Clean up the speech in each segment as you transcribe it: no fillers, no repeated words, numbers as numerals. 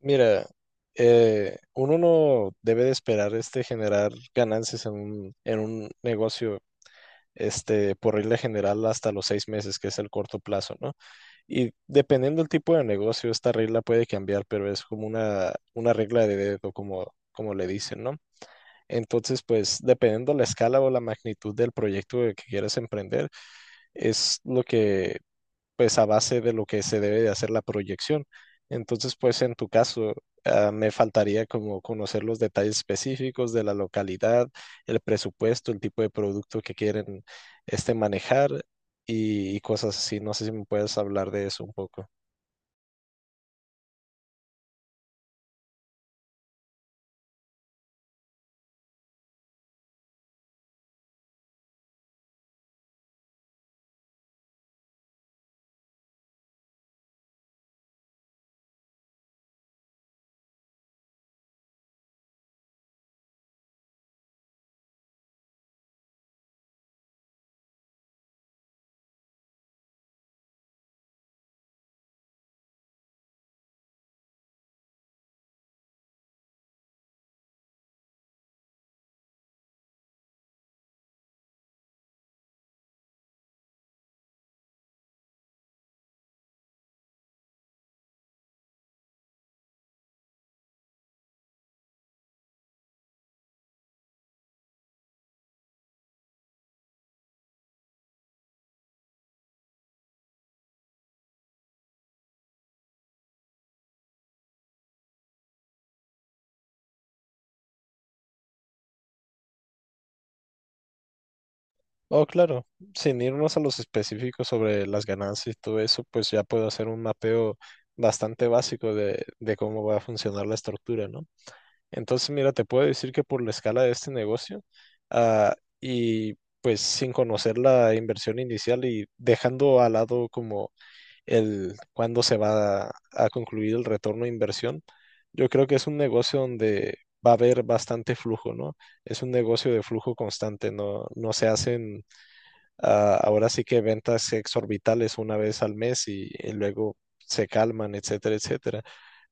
Mira, uno no debe de esperar generar ganancias en un negocio, por regla general hasta los 6 meses, que es el corto plazo, ¿no? Y dependiendo del tipo de negocio, esta regla puede cambiar, pero es como una regla de dedo, como le dicen, ¿no? Entonces, pues, dependiendo la escala o la magnitud del proyecto que quieras emprender, es lo que pues a base de lo que se debe de hacer la proyección. Entonces, pues en tu caso, me faltaría como conocer los detalles específicos de la localidad, el presupuesto, el tipo de producto que quieren manejar y cosas así. No sé si me puedes hablar de eso un poco. Oh, claro, sin irnos a los específicos sobre las ganancias y todo eso, pues ya puedo hacer un mapeo bastante básico de cómo va a funcionar la estructura, ¿no? Entonces, mira, te puedo decir que por la escala de este negocio, ah, y pues sin conocer la inversión inicial y dejando al lado como el cuándo se va a concluir el retorno de inversión, yo creo que es un negocio donde va a haber bastante flujo, ¿no? Es un negocio de flujo constante, no, no se hacen, ahora sí que ventas exorbitales una vez al mes y luego se calman, etcétera, etcétera.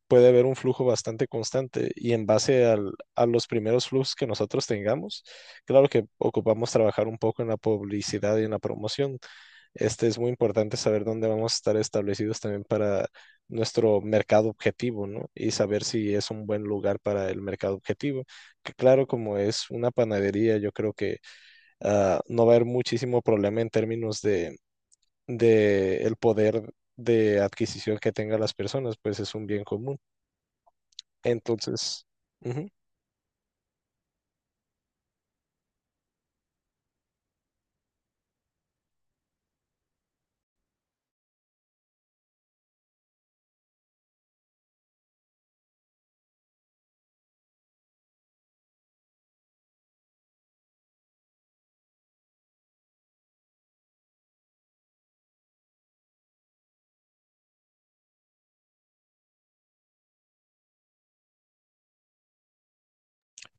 Puede haber un flujo bastante constante y en base a los primeros flujos que nosotros tengamos, claro que ocupamos trabajar un poco en la publicidad y en la promoción. Es muy importante saber dónde vamos a estar establecidos también para nuestro mercado objetivo, ¿no? Y saber si es un buen lugar para el mercado objetivo. Que claro, como es una panadería, yo creo que no va a haber muchísimo problema en términos de el poder de adquisición que tengan las personas, pues es un bien común. Entonces, ujú,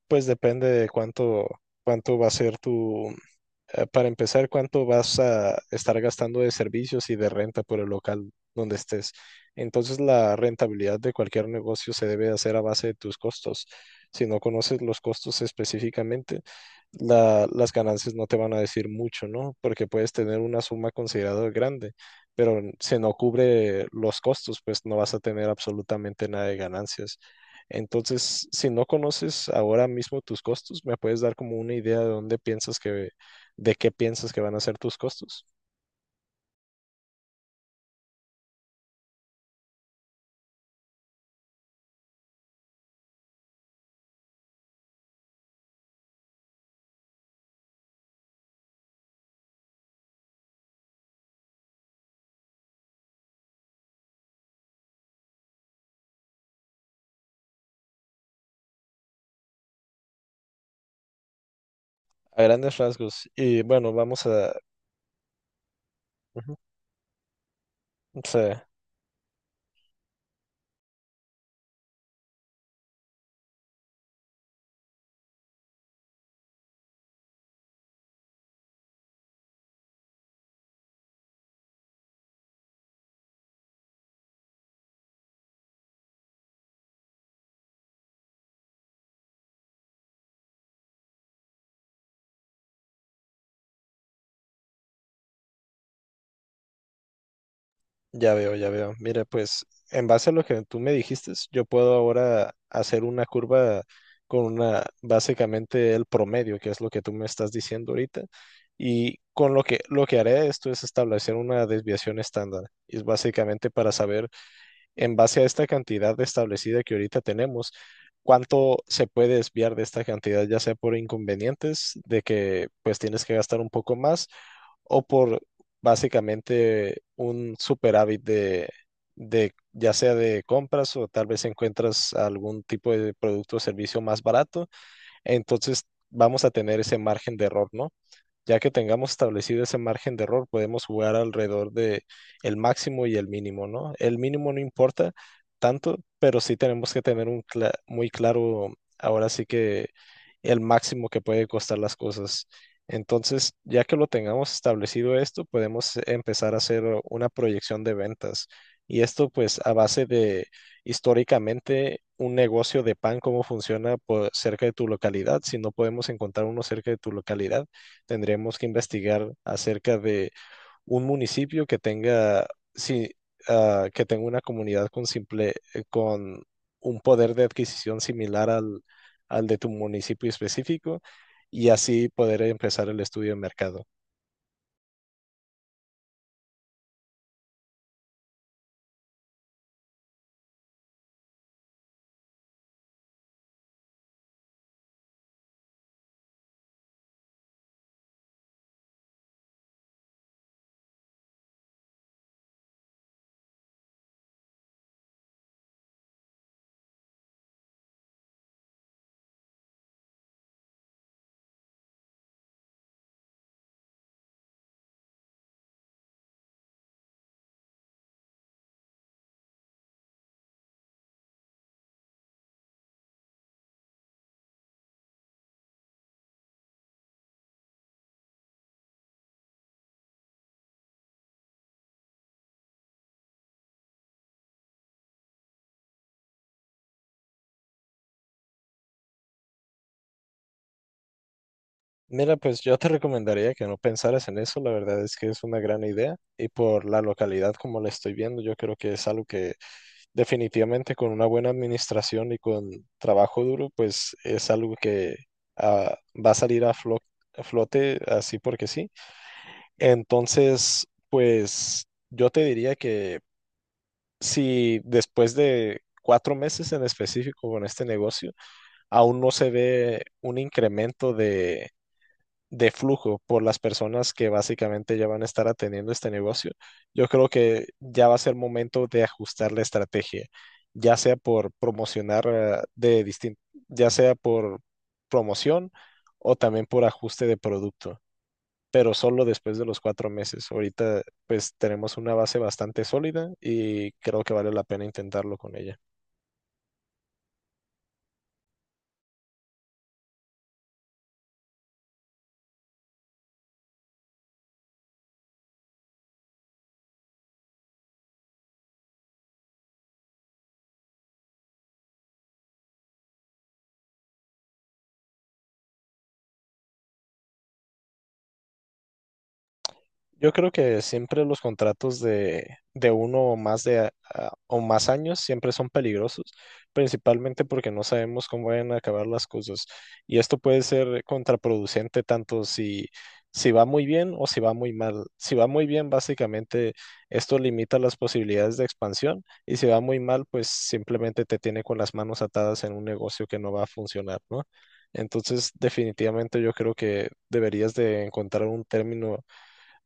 pues depende de cuánto va a ser tu. Para empezar, ¿cuánto vas a estar gastando de servicios y de renta por el local donde estés? Entonces, la rentabilidad de cualquier negocio se debe hacer a base de tus costos. Si no conoces los costos específicamente, las ganancias no te van a decir mucho, ¿no? Porque puedes tener una suma considerada grande, pero si no cubre los costos, pues no vas a tener absolutamente nada de ganancias. Entonces, si no conoces ahora mismo tus costos, me puedes dar como una idea de qué piensas que van a ser tus costos. A grandes rasgos. Y bueno, vamos a... Ujú, sí, ya veo, ya veo. Mira, pues en base a lo que tú me dijiste, yo puedo ahora hacer una curva básicamente el promedio, que es lo que tú me estás diciendo ahorita. Y con lo que haré esto es establecer una desviación estándar. Y es básicamente para saber en base a esta cantidad establecida que ahorita tenemos, cuánto se puede desviar de esta cantidad, ya sea por inconvenientes de que pues tienes que gastar un poco más o por básicamente un superávit de ya sea de compras o tal vez encuentras algún tipo de producto o servicio más barato, entonces vamos a tener ese margen de error, ¿no? Ya que tengamos establecido ese margen de error, podemos jugar alrededor de el máximo y el mínimo, ¿no? El mínimo no importa tanto, pero sí tenemos que tener un muy claro, ahora sí que el máximo que puede costar las cosas. Entonces, ya que lo tengamos establecido esto, podemos empezar a hacer una proyección de ventas. Y esto, pues, a base de históricamente un negocio de pan, cómo funciona por cerca de tu localidad, si no podemos encontrar uno cerca de tu localidad tendremos que investigar acerca de un municipio que tenga, sí, que tenga una comunidad con con un poder de adquisición similar al de tu municipio específico y así poder empezar el estudio de mercado. Mira, pues yo te recomendaría que no pensaras en eso, la verdad es que es una gran idea y por la localidad como la estoy viendo, yo creo que es algo que definitivamente con una buena administración y con trabajo duro, pues es algo que va a salir a a flote así porque sí. Entonces, pues yo te diría que si después de 4 meses en específico con este negocio, aún no se ve un incremento de flujo por las personas que básicamente ya van a estar atendiendo este negocio, yo creo que ya va a ser momento de ajustar la estrategia, ya sea por promocionar de distinto, ya sea por promoción o también por ajuste de producto, pero solo después de los 4 meses. Ahorita pues tenemos una base bastante sólida y creo que vale la pena intentarlo con ella. Yo creo que siempre los contratos de uno o más o más años siempre son peligrosos, principalmente porque no sabemos cómo van a acabar las cosas. Y esto puede ser contraproducente tanto si va muy bien o si va muy mal. Si va muy bien, básicamente esto limita las posibilidades de expansión y si va muy mal, pues simplemente te tiene con las manos atadas en un negocio que no va a funcionar, ¿no? Entonces, definitivamente yo creo que deberías de encontrar un término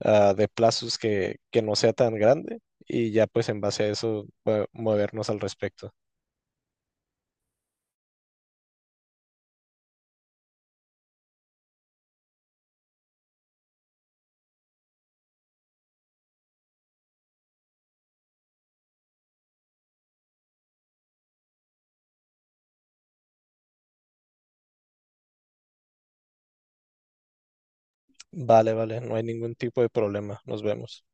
de plazos que no sea tan grande y ya pues en base a eso movernos al respecto. Vale, vale, no hay ningún tipo de problema. Nos vemos.